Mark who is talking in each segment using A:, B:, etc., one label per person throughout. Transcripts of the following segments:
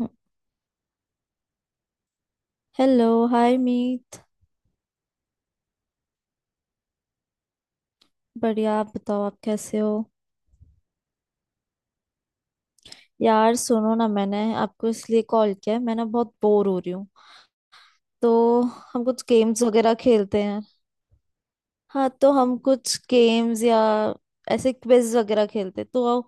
A: हम्म, hello hi Meet. बढ़िया, आप बताओ, आप कैसे हो? यार सुनो ना, मैंने आपको इसलिए कॉल किया है, मैं ना बहुत बोर हो रही हूँ। तो हम कुछ गेम्स वगैरह खेलते हैं। हाँ तो हम कुछ गेम्स या ऐसे क्विज वगैरह खेलते हैं, तो आओ,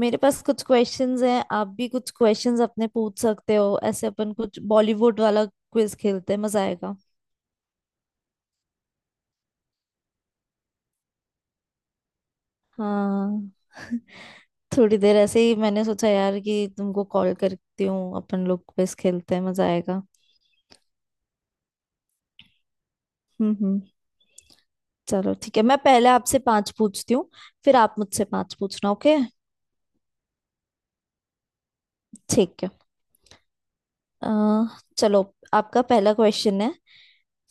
A: मेरे पास कुछ क्वेश्चंस हैं, आप भी कुछ क्वेश्चंस अपने पूछ सकते हो। ऐसे अपन कुछ बॉलीवुड वाला क्विज खेलते हैं, मजा आएगा। हाँ, थोड़ी देर ऐसे ही मैंने सोचा यार कि तुमको कॉल करती हूँ, अपन लोग क्विज खेलते हैं, मजा आएगा। हम्म। चलो ठीक है, मैं पहले आपसे पांच पूछती हूँ, फिर आप मुझसे पांच पूछना। ओके, ठीक है। अ, चलो, आपका पहला क्वेश्चन है,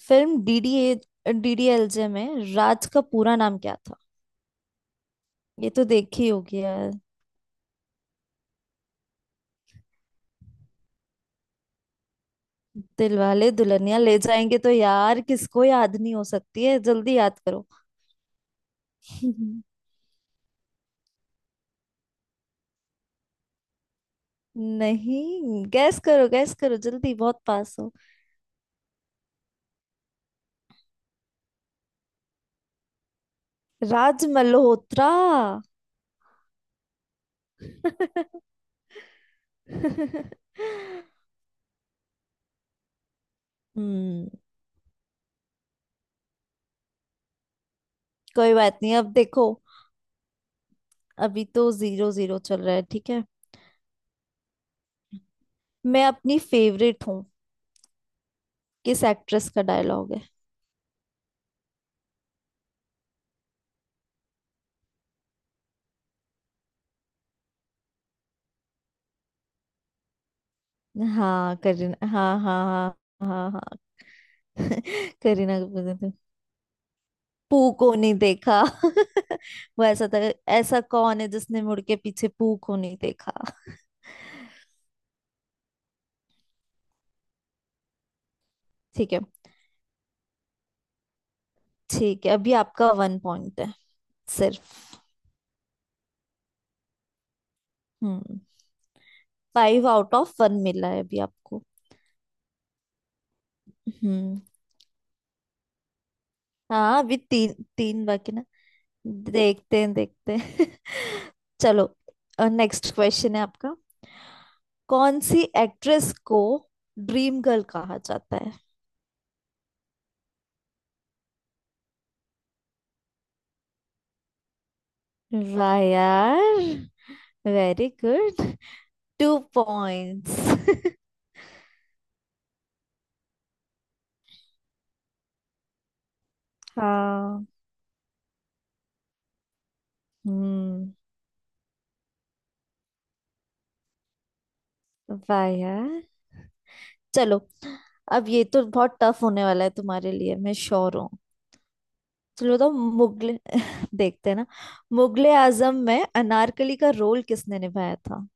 A: फिल्म डीडीएलजे में राज का पूरा नाम क्या था? ये तो देखी होगी यार। दिलवाले दुल्हनिया ले जाएंगे, तो यार किसको याद नहीं हो सकती है, जल्दी याद करो। नहीं, गैस करो गैस करो जल्दी, बहुत पास हो। राज मल्होत्रा। हम्म। कोई बात नहीं, अब देखो, अभी तो जीरो जीरो चल रहा है, ठीक है। मैं अपनी फेवरेट हूँ, किस एक्ट्रेस का डायलॉग है? हाँ करीना, हाँ हाँ हाँ, हाँ हाँ। करीना कपूर ने तो पू को नहीं देखा, वो ऐसा था। ऐसा कौन है जिसने मुड़ के पीछे पू को नहीं देखा? ठीक है, ठीक है। अभी आपका वन पॉइंट है, सिर्फ। हम्म। फाइव आउट ऑफ वन मिला है अभी आपको। हम्म, हाँ अभी तीन तीन बाकी ना, देखते हैं देखते हैं। चलो, नेक्स्ट क्वेश्चन है आपका, कौन सी एक्ट्रेस को ड्रीम गर्ल कहा जाता है? वाह यार, वेरी गुड, टू पॉइंट्स। हाँ। हम्म। वाह यार। चलो, अब ये तो बहुत टफ होने वाला है तुम्हारे लिए, मैं श्योर हूँ। चलो तो, मुगले देखते हैं ना, मुगले आजम में अनारकली का रोल किसने निभाया था?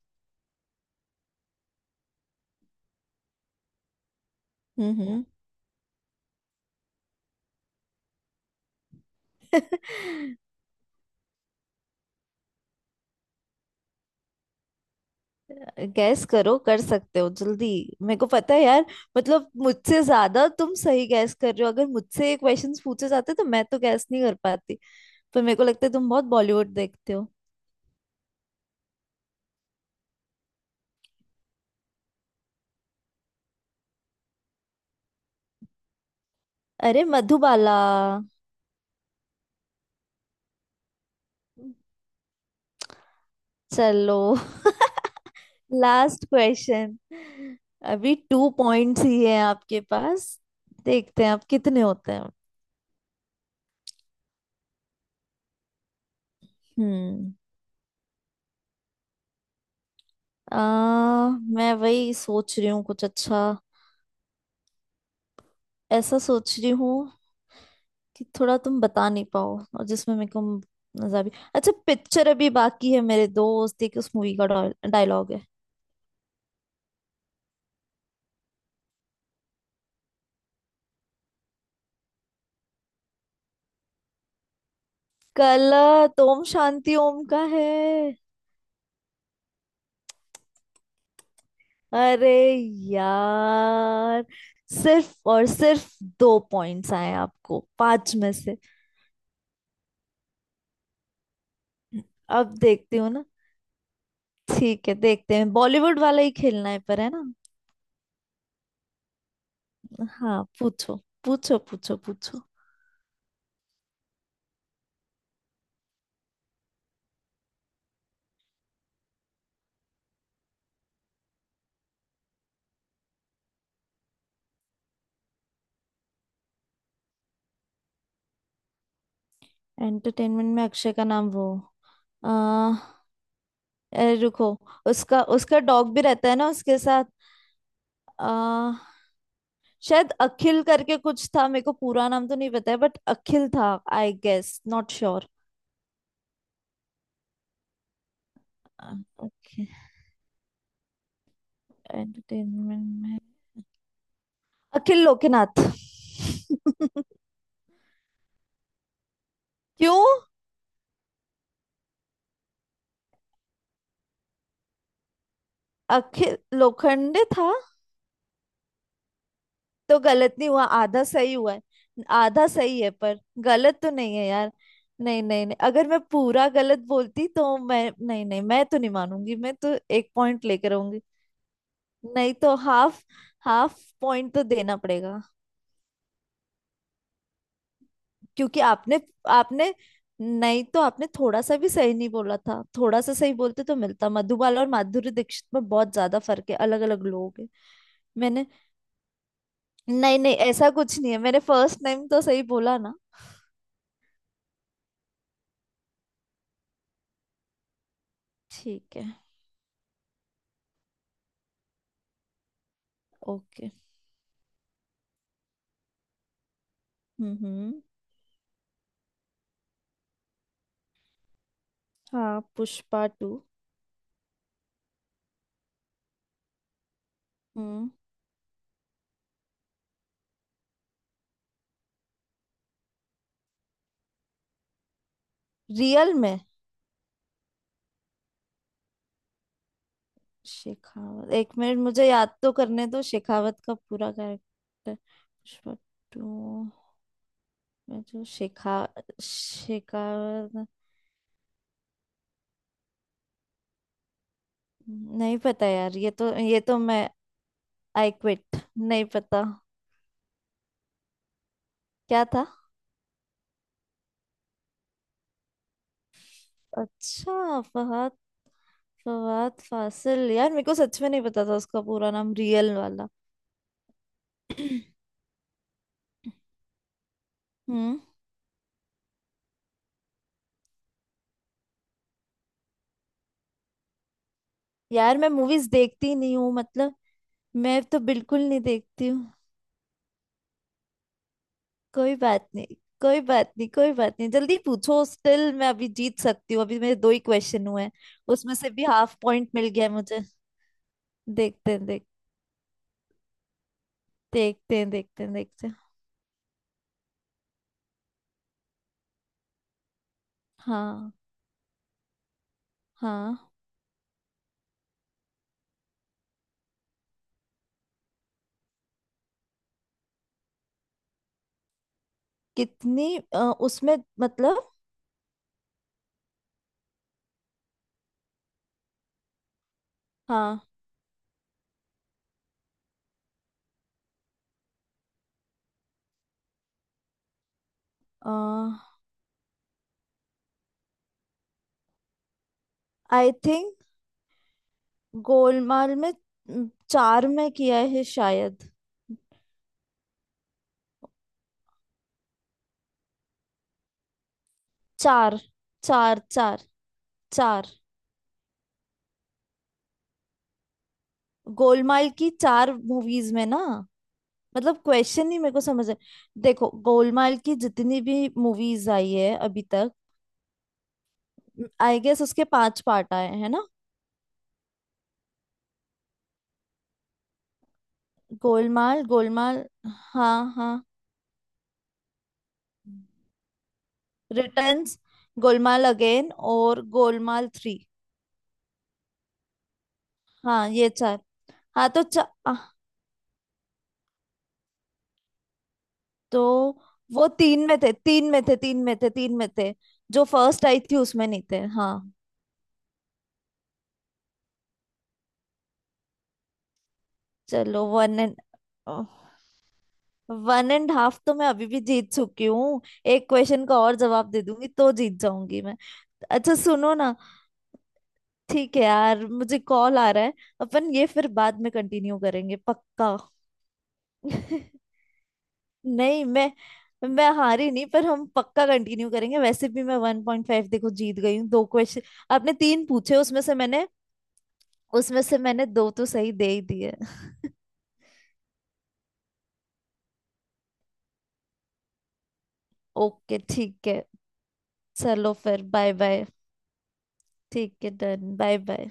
A: हम्म। गैस करो, कर सकते हो जल्दी। मेरे को पता है यार, मतलब मुझसे ज्यादा तुम सही गैस कर रहे हो, अगर मुझसे ये क्वेश्चंस पूछे जाते तो मैं तो गैस नहीं कर पाती। पर मेरे को लगता है तुम बहुत बॉलीवुड देखते हो। अरे, मधुबाला। चलो, लास्ट क्वेश्चन। अभी टू पॉइंट्स ही है आपके पास, देखते हैं आप कितने होते हैं। हम्म। आ, मैं वही सोच रही हूँ कुछ अच्छा, ऐसा सोच रही हूँ कि थोड़ा तुम बता नहीं पाओ और जिसमें मेरे को मजा भी। अच्छा, पिक्चर अभी बाकी है मेरे दोस्त, एक उस मूवी का डायलॉग है। कल ओम शांति ओम का है। अरे यार, सिर्फ और सिर्फ दो पॉइंट्स आए आपको पांच में से। अब देखती हूँ ना, ठीक है देखते हैं। बॉलीवुड वाला ही खेलना है पर, है ना। हाँ पूछो, पूछो पूछो पूछो। एंटरटेनमेंट में अक्षय का नाम, वो अरे रुको, उसका उसका डॉग भी रहता है ना उसके साथ। आ, शायद अखिल करके कुछ था, मेरे को पूरा नाम तो नहीं पता है, बट अखिल था। I guess, not sure. Okay, entertainment में अखिल लोकनाथ। क्यों? अखिल लोखंडे था। तो गलत नहीं हुआ, आधा सही हुआ है, आधा सही है पर, गलत तो नहीं है यार। नहीं नहीं नहीं, अगर मैं पूरा गलत बोलती तो मैं, नहीं नहीं, मैं तो नहीं मानूंगी, मैं तो एक पॉइंट लेकर आऊंगी। नहीं तो हाफ, हाफ पॉइंट तो देना पड़ेगा। क्योंकि आपने आपने नहीं तो आपने थोड़ा सा भी सही नहीं बोला था, थोड़ा सा सही बोलते तो मिलता। मधुबाला और माधुरी दीक्षित में बहुत ज्यादा फर्क है, अलग अलग लोग हैं। मैंने नहीं नहीं, ऐसा कुछ नहीं है, मैंने फर्स्ट नेम तो सही बोला ना। ठीक है। ओके। हम्म। हाँ पुष्पा टू। हम्म। रियल में? शेखावत, एक मिनट मुझे याद तो करने दो, शेखावत का पूरा कैरेक्टर, पुष्पा टू। मैं जो शिखा शिखा, नहीं पता यार, ये तो मैं, आई क्विट, नहीं पता। क्या था? अच्छा फहद, फवाद फासिल। यार मेरे को सच में नहीं पता था उसका पूरा नाम रियल वाला। हम्म। यार, मैं मूवीज देखती नहीं हूँ, मतलब मैं तो बिल्कुल नहीं देखती हूँ। कोई बात नहीं, कोई बात नहीं कोई बात नहीं, जल्दी पूछो, स्टिल मैं अभी जीत सकती हूँ, अभी मेरे दो ही क्वेश्चन हुए हैं। उसमें से भी हाफ पॉइंट मिल गया है मुझे। देखते हैं देखते हैं। देखते हैं देखते हैं देखते हैं। हाँ हाँ। कितनी, उसमें मतलब। हाँ आई थिंक गोलमाल में, चार में किया है शायद। चार चार चार चार। गोलमाल की चार मूवीज में ना, मतलब क्वेश्चन ही मेरे को समझ है। देखो, गोलमाल की जितनी भी मूवीज आई है अभी तक, आई गेस उसके पांच पार्ट आए हैं ना। गोलमाल, गोलमाल, हाँ हाँ, रिटर्न्स, गोलमाल अगेन और गोलमाल थ्री। हाँ ये चार। हाँ तो आह, तो वो तीन में थे तीन में थे तीन में थे तीन में थे, जो फर्स्ट आई थी उसमें नहीं थे। हाँ। चलो, one and, one and half, तो मैं अभी भी जीत चुकी हूँ, एक क्वेश्चन का और जवाब दे दूंगी तो जीत जाऊंगी मैं। अच्छा सुनो ना, ठीक है यार, मुझे कॉल आ रहा है, अपन ये फिर बाद में कंटिन्यू करेंगे, पक्का। नहीं, मैं हारी नहीं, पर हम पक्का कंटिन्यू करेंगे, वैसे भी मैं वन पॉइंट फाइव, देखो जीत गई हूँ, दो क्वेश्चन आपने तीन पूछे, उसमें से मैंने दो तो सही दे ही दिए। ओके ठीक है, चलो फिर बाय बाय। ठीक है, डन, बाय बाय।